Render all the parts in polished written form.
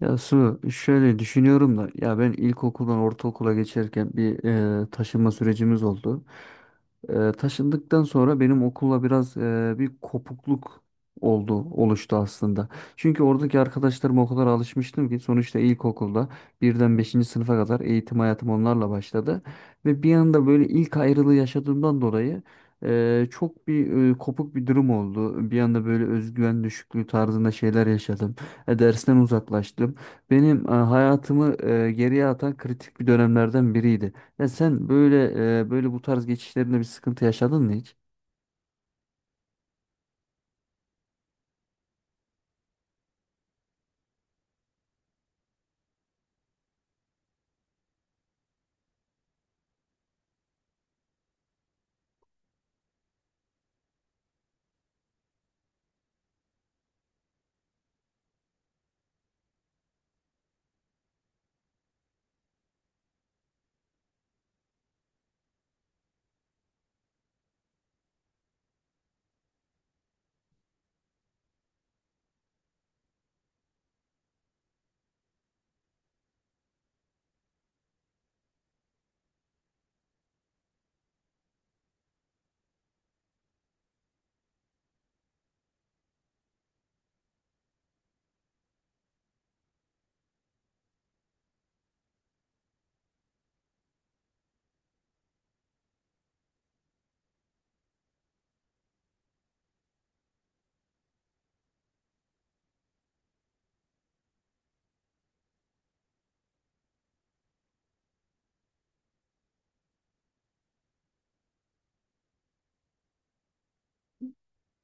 Ya Su şöyle düşünüyorum da ya ben ilkokuldan ortaokula geçerken bir taşınma sürecimiz oldu. Taşındıktan sonra benim okulla biraz bir kopukluk oluştu aslında. Çünkü oradaki arkadaşlarıma o kadar alışmıştım ki sonuçta ilkokulda birden beşinci sınıfa kadar eğitim hayatım onlarla başladı. Ve bir anda böyle ilk ayrılığı yaşadığımdan dolayı çok bir kopuk bir durum oldu. Bir anda böyle özgüven düşüklüğü tarzında şeyler yaşadım, dersten uzaklaştım. Benim hayatımı geriye atan kritik bir dönemlerden biriydi. Ya sen böyle bu tarz geçişlerinde bir sıkıntı yaşadın mı hiç?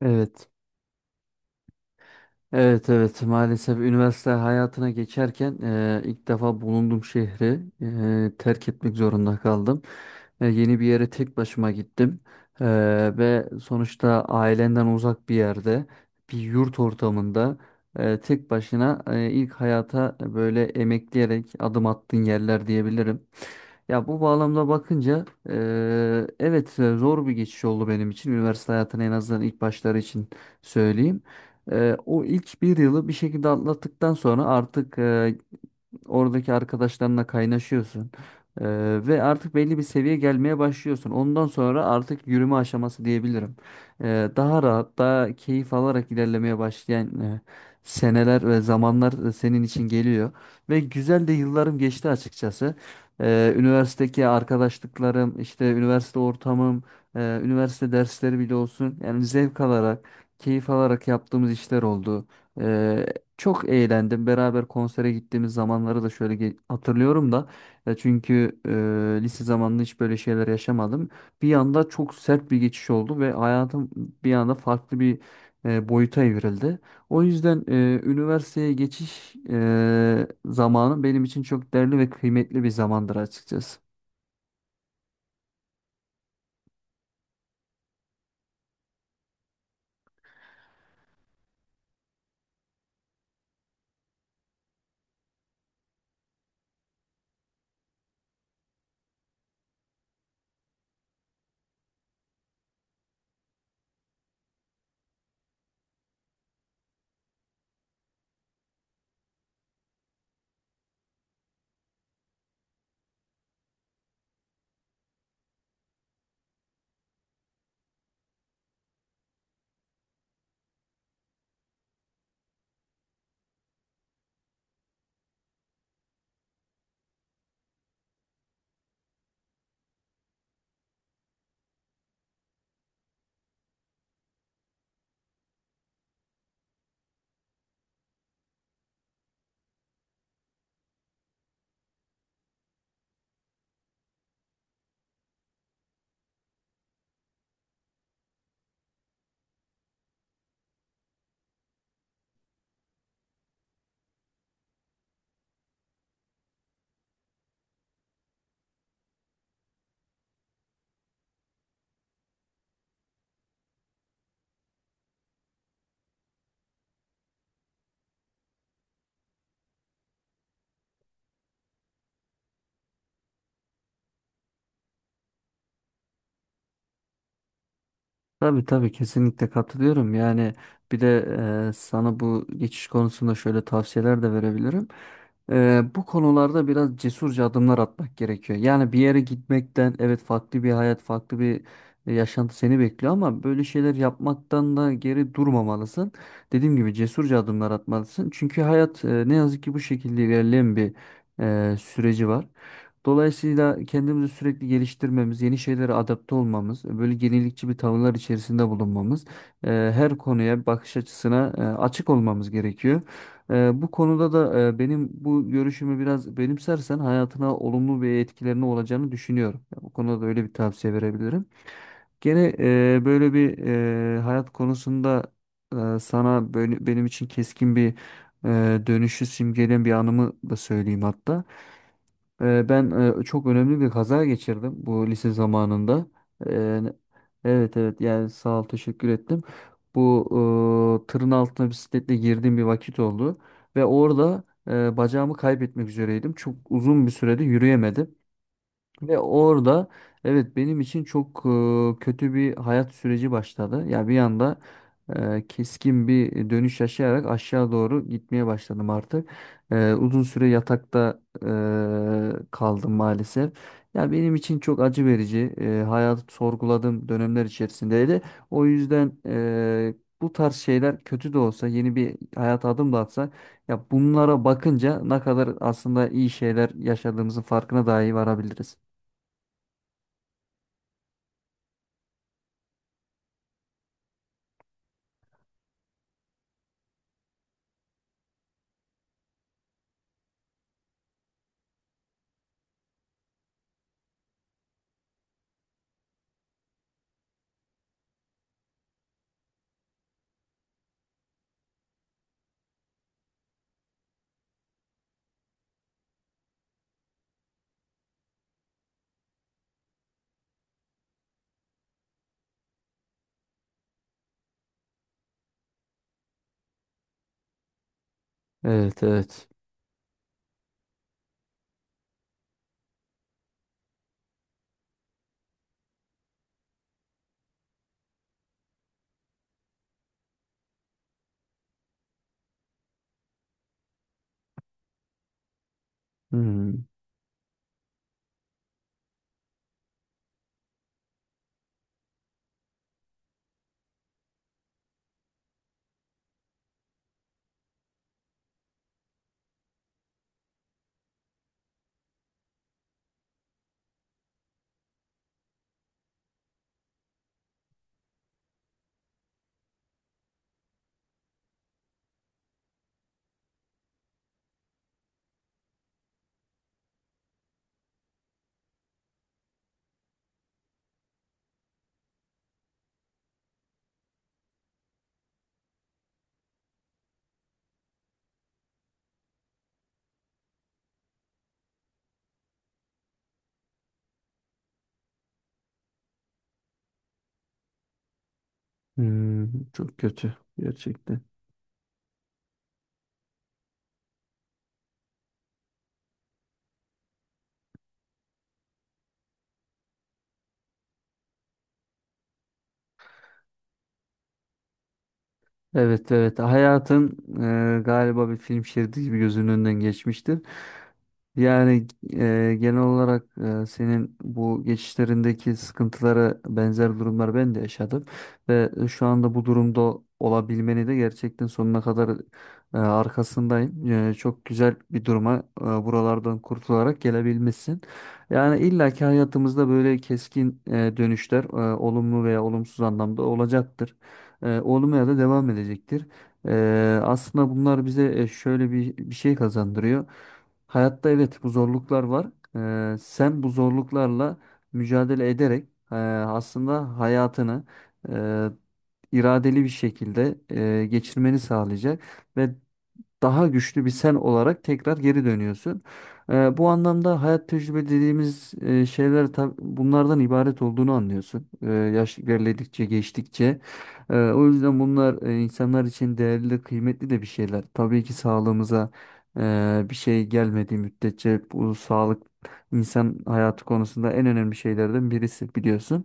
Evet. Evet, evet, maalesef üniversite hayatına geçerken ilk defa bulunduğum şehri terk etmek zorunda kaldım. Yeni bir yere tek başıma gittim. Ve sonuçta ailenden uzak bir yerde, bir yurt ortamında, tek başına, ilk hayata böyle emekleyerek adım attığın yerler diyebilirim. Ya bu bağlamda bakınca, evet, zor bir geçiş oldu benim için üniversite hayatının en azından ilk başları için söyleyeyim. O ilk bir yılı bir şekilde atlattıktan sonra artık oradaki arkadaşlarınla kaynaşıyorsun. Ee, Ve artık belli bir seviye gelmeye başlıyorsun. Ondan sonra artık yürüme aşaması diyebilirim. Daha rahat, daha keyif alarak ilerlemeye başlayan seneler ve zamanlar senin için geliyor. Ve güzel de yıllarım geçti açıkçası. Üniversitedeki arkadaşlıklarım, işte üniversite ortamım, üniversite dersleri bile olsun. Yani zevk alarak, keyif alarak yaptığımız işler oldu. Çok eğlendim. Beraber konsere gittiğimiz zamanları da şöyle hatırlıyorum da. Ya çünkü lise zamanında hiç böyle şeyler yaşamadım. Bir anda çok sert bir geçiş oldu ve hayatım bir anda farklı bir boyuta evrildi. O yüzden üniversiteye geçiş zamanı benim için çok değerli ve kıymetli bir zamandır açıkçası. Tabii, tabii, kesinlikle katılıyorum. Yani bir de sana bu geçiş konusunda şöyle tavsiyeler de verebilirim. Bu konularda biraz cesurca adımlar atmak gerekiyor. Yani bir yere gitmekten evet, farklı bir hayat, farklı bir yaşantı seni bekliyor ama böyle şeyler yapmaktan da geri durmamalısın. Dediğim gibi cesurca adımlar atmalısın. Çünkü hayat, ne yazık ki bu şekilde ilerleyen bir süreci var. Dolayısıyla kendimizi sürekli geliştirmemiz, yeni şeylere adapte olmamız, böyle yenilikçi bir tavırlar içerisinde bulunmamız, e, her konuya bakış açısına açık olmamız gerekiyor. Bu konuda da benim bu görüşümü biraz benimsersen hayatına olumlu bir etkilerine olacağını düşünüyorum. Yani bu konuda da öyle bir tavsiye verebilirim. Gene böyle bir hayat konusunda sana böyle, benim için keskin bir dönüşü simgeleyen bir anımı da söyleyeyim hatta. Ben çok önemli bir kaza geçirdim bu lise zamanında. Ee, Evet, evet, yani sağ ol, teşekkür ettim. Bu, tırın altına bisikletle girdiğim bir vakit oldu. Ve orada bacağımı kaybetmek üzereydim. Çok uzun bir sürede yürüyemedim. Ve orada evet, benim için çok kötü bir hayat süreci başladı. Ya bir anda keskin bir dönüş yaşayarak aşağı doğru gitmeye başladım artık. Uzun süre yatakta kaldım maalesef. Ya benim için çok acı verici, hayatı sorguladığım dönemler içerisindeydi. O yüzden bu tarz şeyler kötü de olsa, yeni bir hayata adım da atsak, ya bunlara bakınca ne kadar aslında iyi şeyler yaşadığımızın farkına dahi varabiliriz. Evet, evet. Hmm, hmm, çok kötü gerçekten. Evet, evet, hayatın, galiba bir film şeridi gibi gözünün önünden geçmiştir. Yani genel olarak senin bu geçişlerindeki sıkıntılara benzer durumlar ben de yaşadım. Ve şu anda bu durumda olabilmeni de gerçekten sonuna kadar arkasındayım. Çok güzel bir duruma, buralardan kurtularak gelebilmişsin. Yani illaki hayatımızda böyle keskin dönüşler olumlu veya olumsuz anlamda olacaktır, olmaya da devam edecektir. Aslında bunlar bize şöyle bir, şey kazandırıyor. Hayatta evet, bu zorluklar var. Sen bu zorluklarla mücadele ederek aslında hayatını e, iradeli bir şekilde geçirmeni sağlayacak ve daha güçlü bir sen olarak tekrar geri dönüyorsun. Bu anlamda hayat tecrübe dediğimiz şeyler bunlardan ibaret olduğunu anlıyorsun. Yaş ilerledikçe, geçtikçe. O yüzden bunlar insanlar için değerli, kıymetli de bir şeyler. Tabii ki sağlığımıza bir şey gelmediği müddetçe bu sağlık, insan hayatı konusunda en önemli şeylerden birisi, biliyorsun.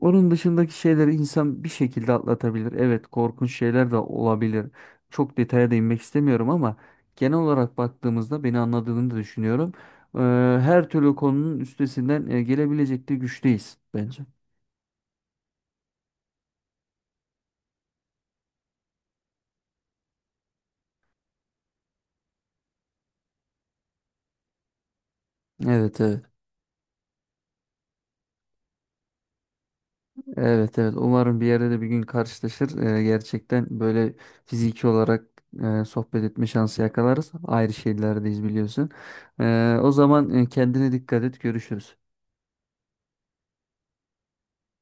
Onun dışındaki şeyleri insan bir şekilde atlatabilir. Evet, korkunç şeyler de olabilir. Çok detaya değinmek istemiyorum ama genel olarak baktığımızda beni anladığını da düşünüyorum. Ee, Her türlü konunun üstesinden gelebilecek de güçteyiz bence. Evet, evet. Evet, evet. Umarım bir yerde de bir gün karşılaşır. Gerçekten böyle fiziki olarak sohbet etme şansı yakalarız. Ayrı şehirlerdeyiz biliyorsun. O zaman kendine dikkat et. Görüşürüz.